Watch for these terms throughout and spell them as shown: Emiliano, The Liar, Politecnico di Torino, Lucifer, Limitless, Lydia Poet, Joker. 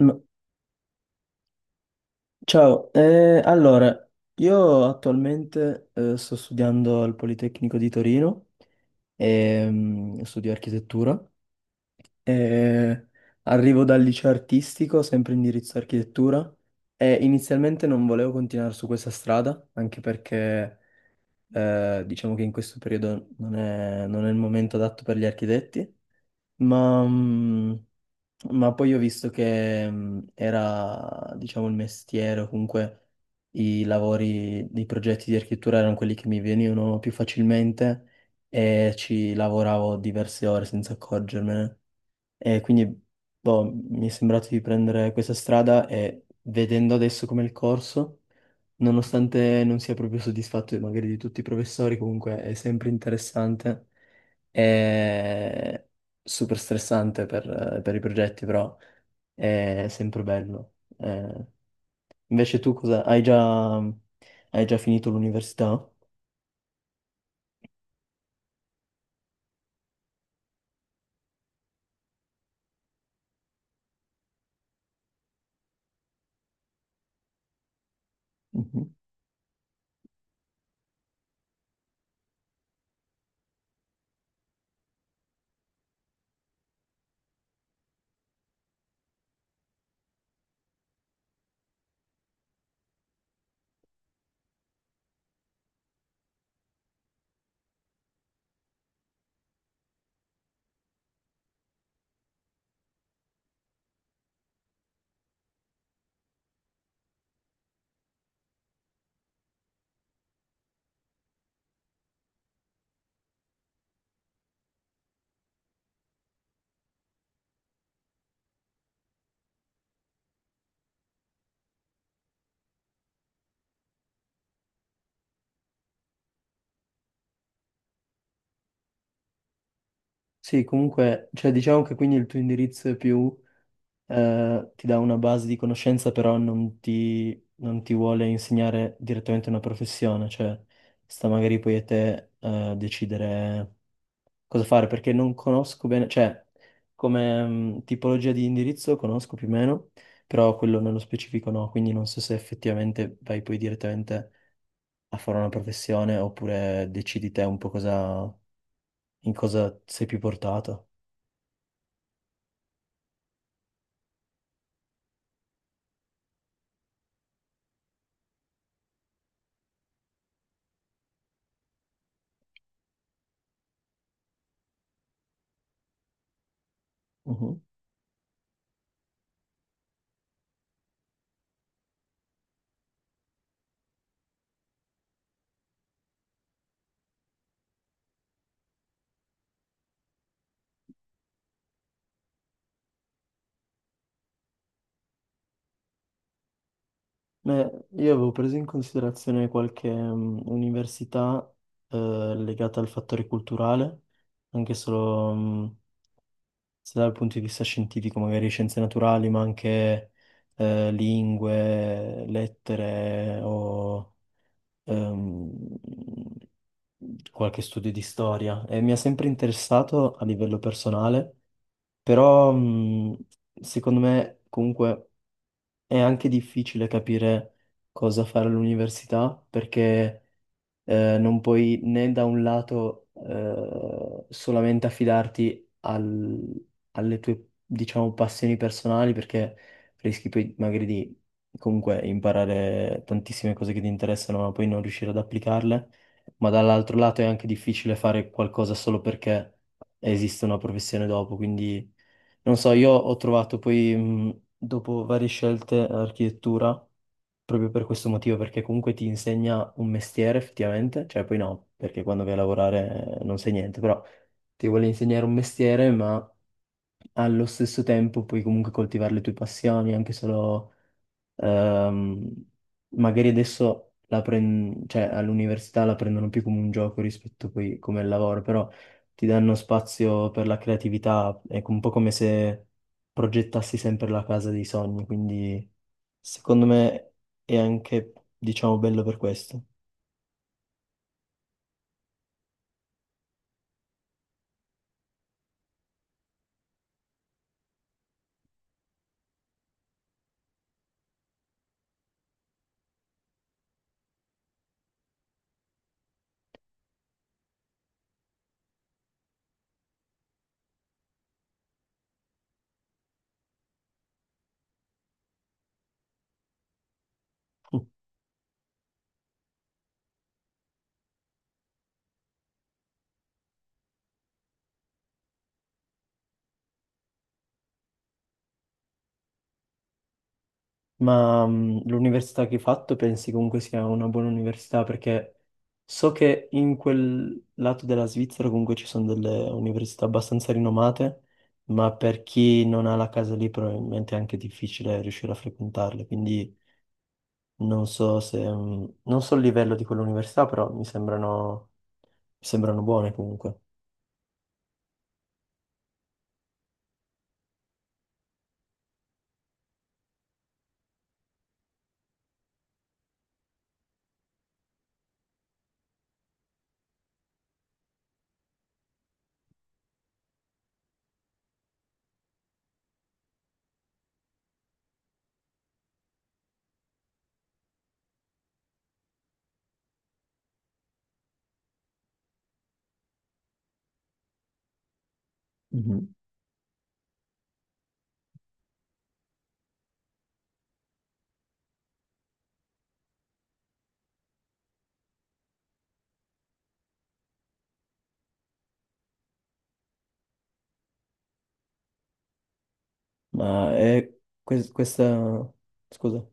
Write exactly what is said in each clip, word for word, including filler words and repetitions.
M- Ciao, eh, allora, io attualmente eh, sto studiando al Politecnico di Torino, ehm, studio architettura, e arrivo dal liceo artistico, sempre indirizzo architettura, e inizialmente non volevo continuare su questa strada, anche perché eh, diciamo che in questo periodo non è, non è il momento adatto per gli architetti. Ma, mm, ma poi ho visto che mm, era, diciamo, il mestiere, o comunque i lavori, i progetti di architettura erano quelli che mi venivano più facilmente e ci lavoravo diverse ore senza accorgermene. E quindi, boh, mi è sembrato di prendere questa strada e vedendo adesso come il corso, nonostante non sia proprio soddisfatto magari di tutti i professori, comunque è sempre interessante. È super stressante per, per i progetti, però è sempre bello. Eh, invece tu cosa? Hai già, hai già finito l'università? Mhm. Sì, comunque, cioè, diciamo che quindi il tuo indirizzo è più, eh, ti dà una base di conoscenza, però non ti, non ti vuole insegnare direttamente una professione, cioè sta magari poi a te, eh, decidere cosa fare perché non conosco bene, cioè come mh, tipologia di indirizzo conosco più o meno, però quello nello specifico no, quindi non so se effettivamente vai poi direttamente a fare una professione oppure decidi te un po' cosa, in cosa sei più portato. Mhm. Beh, io avevo preso in considerazione qualche mh, università eh, legata al fattore culturale, anche solo mh, sia dal punto di vista scientifico, magari scienze naturali, ma anche eh, lingue, lettere o ehm, qualche studio di storia. E mi ha sempre interessato a livello personale, però mh, secondo me comunque è anche difficile capire cosa fare all'università perché eh, non puoi né da un lato eh, solamente affidarti al- alle tue, diciamo, passioni personali perché rischi poi magari di comunque imparare tantissime cose che ti interessano ma poi non riuscire ad applicarle, ma dall'altro lato è anche difficile fare qualcosa solo perché esiste una professione dopo. Quindi non so, io ho trovato poi mh, dopo varie scelte architettura proprio per questo motivo, perché comunque ti insegna un mestiere effettivamente, cioè poi no, perché quando vai a lavorare eh, non sai niente, però ti vuole insegnare un mestiere, ma allo stesso tempo puoi comunque coltivare le tue passioni, anche solo. Ehm, Magari adesso la pren- cioè, all'università la prendono più come un gioco rispetto poi come il lavoro, però ti danno spazio per la creatività, è un po' come se progettassi sempre la casa dei sogni, quindi secondo me è anche, diciamo, bello per questo. Ma mh, l'università che hai fatto pensi comunque sia una buona università? Perché so che in quel lato della Svizzera comunque ci sono delle università abbastanza rinomate, ma per chi non ha la casa lì probabilmente è anche difficile riuscire a frequentarle. Quindi non so se, mh, non so il livello di quell'università, però mi sembrano, mi sembrano buone comunque. Mhm. Ma è que- questa... Scusa.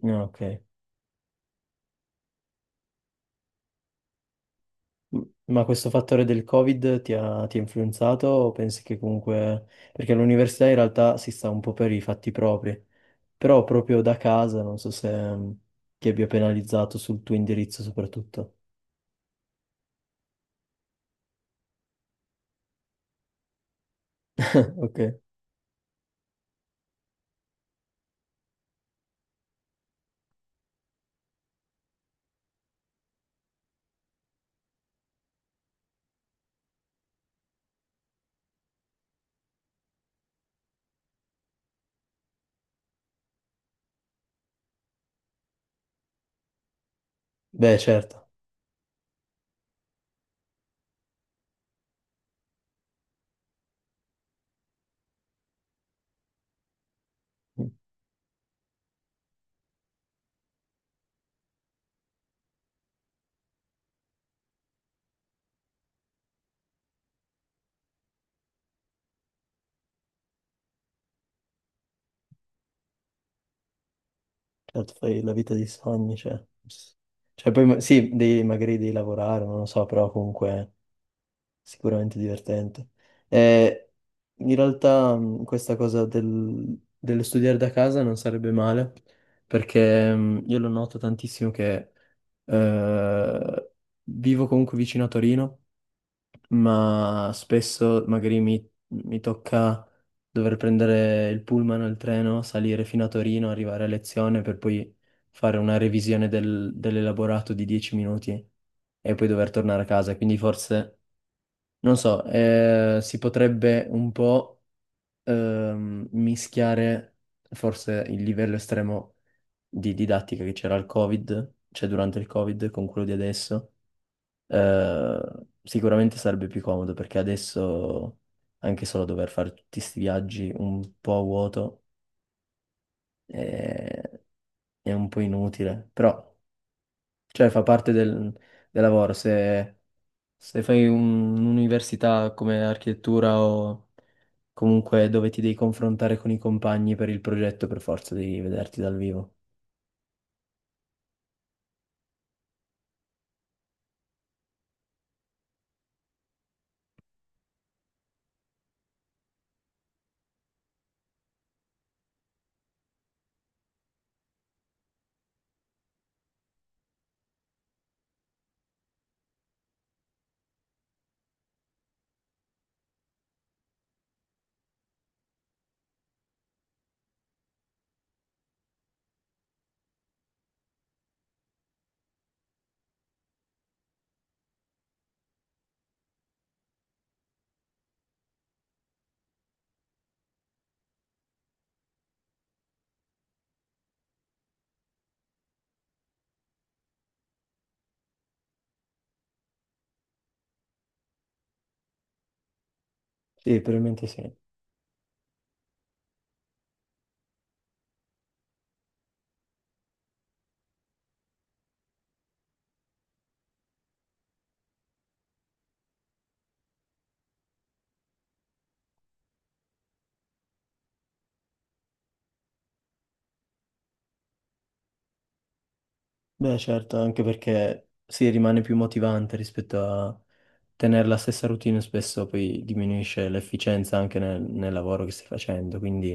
No, ok. M- Ma questo fattore del Covid ti ha, ti ha influenzato o pensi che comunque... Perché l'università in realtà si sta un po' per i fatti propri, però proprio da casa non so se mm, ti abbia penalizzato sul tuo indirizzo soprattutto. Ok, beh, certo. Mm, certo fai la vita dei sogni, cioè... Cioè poi ma- sì, devi, magari devi lavorare, non lo so, però comunque sicuramente divertente. Eh, In realtà mh, questa cosa del- dello studiare da casa non sarebbe male, perché mh, io lo noto tantissimo che eh, vivo comunque vicino a Torino, ma spesso magari mi, mi tocca dover prendere il pullman o il treno, salire fino a Torino, arrivare a lezione per poi fare una revisione del- dell'elaborato di dieci minuti e poi dover tornare a casa. Quindi forse non so, eh, si potrebbe un po' ehm, mischiare forse il livello estremo di didattica che c'era al Covid, cioè durante il Covid, con quello di adesso. Eh, Sicuramente sarebbe più comodo perché adesso anche solo dover fare tutti questi viaggi un po' a vuoto eh, è un po' inutile, però cioè, fa parte del, del lavoro. Se, se fai un- un'università come architettura o comunque dove ti devi confrontare con i compagni per il progetto, per forza devi vederti dal vivo. Sì, probabilmente sì. Beh, certo, anche perché si rimane più motivante rispetto a tenere la stessa routine, spesso poi diminuisce l'efficienza anche nel, nel lavoro che stai facendo, quindi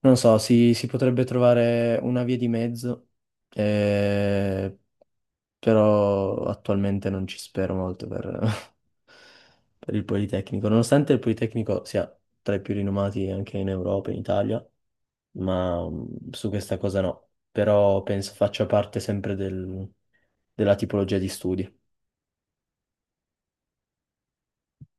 non so, si, si potrebbe trovare una via di mezzo, eh, però attualmente non ci spero molto per, per il Politecnico, nonostante il Politecnico sia tra i più rinomati anche in Europa, in Italia. Ma mm, su questa cosa no, però penso faccia parte sempre del- della tipologia di studi.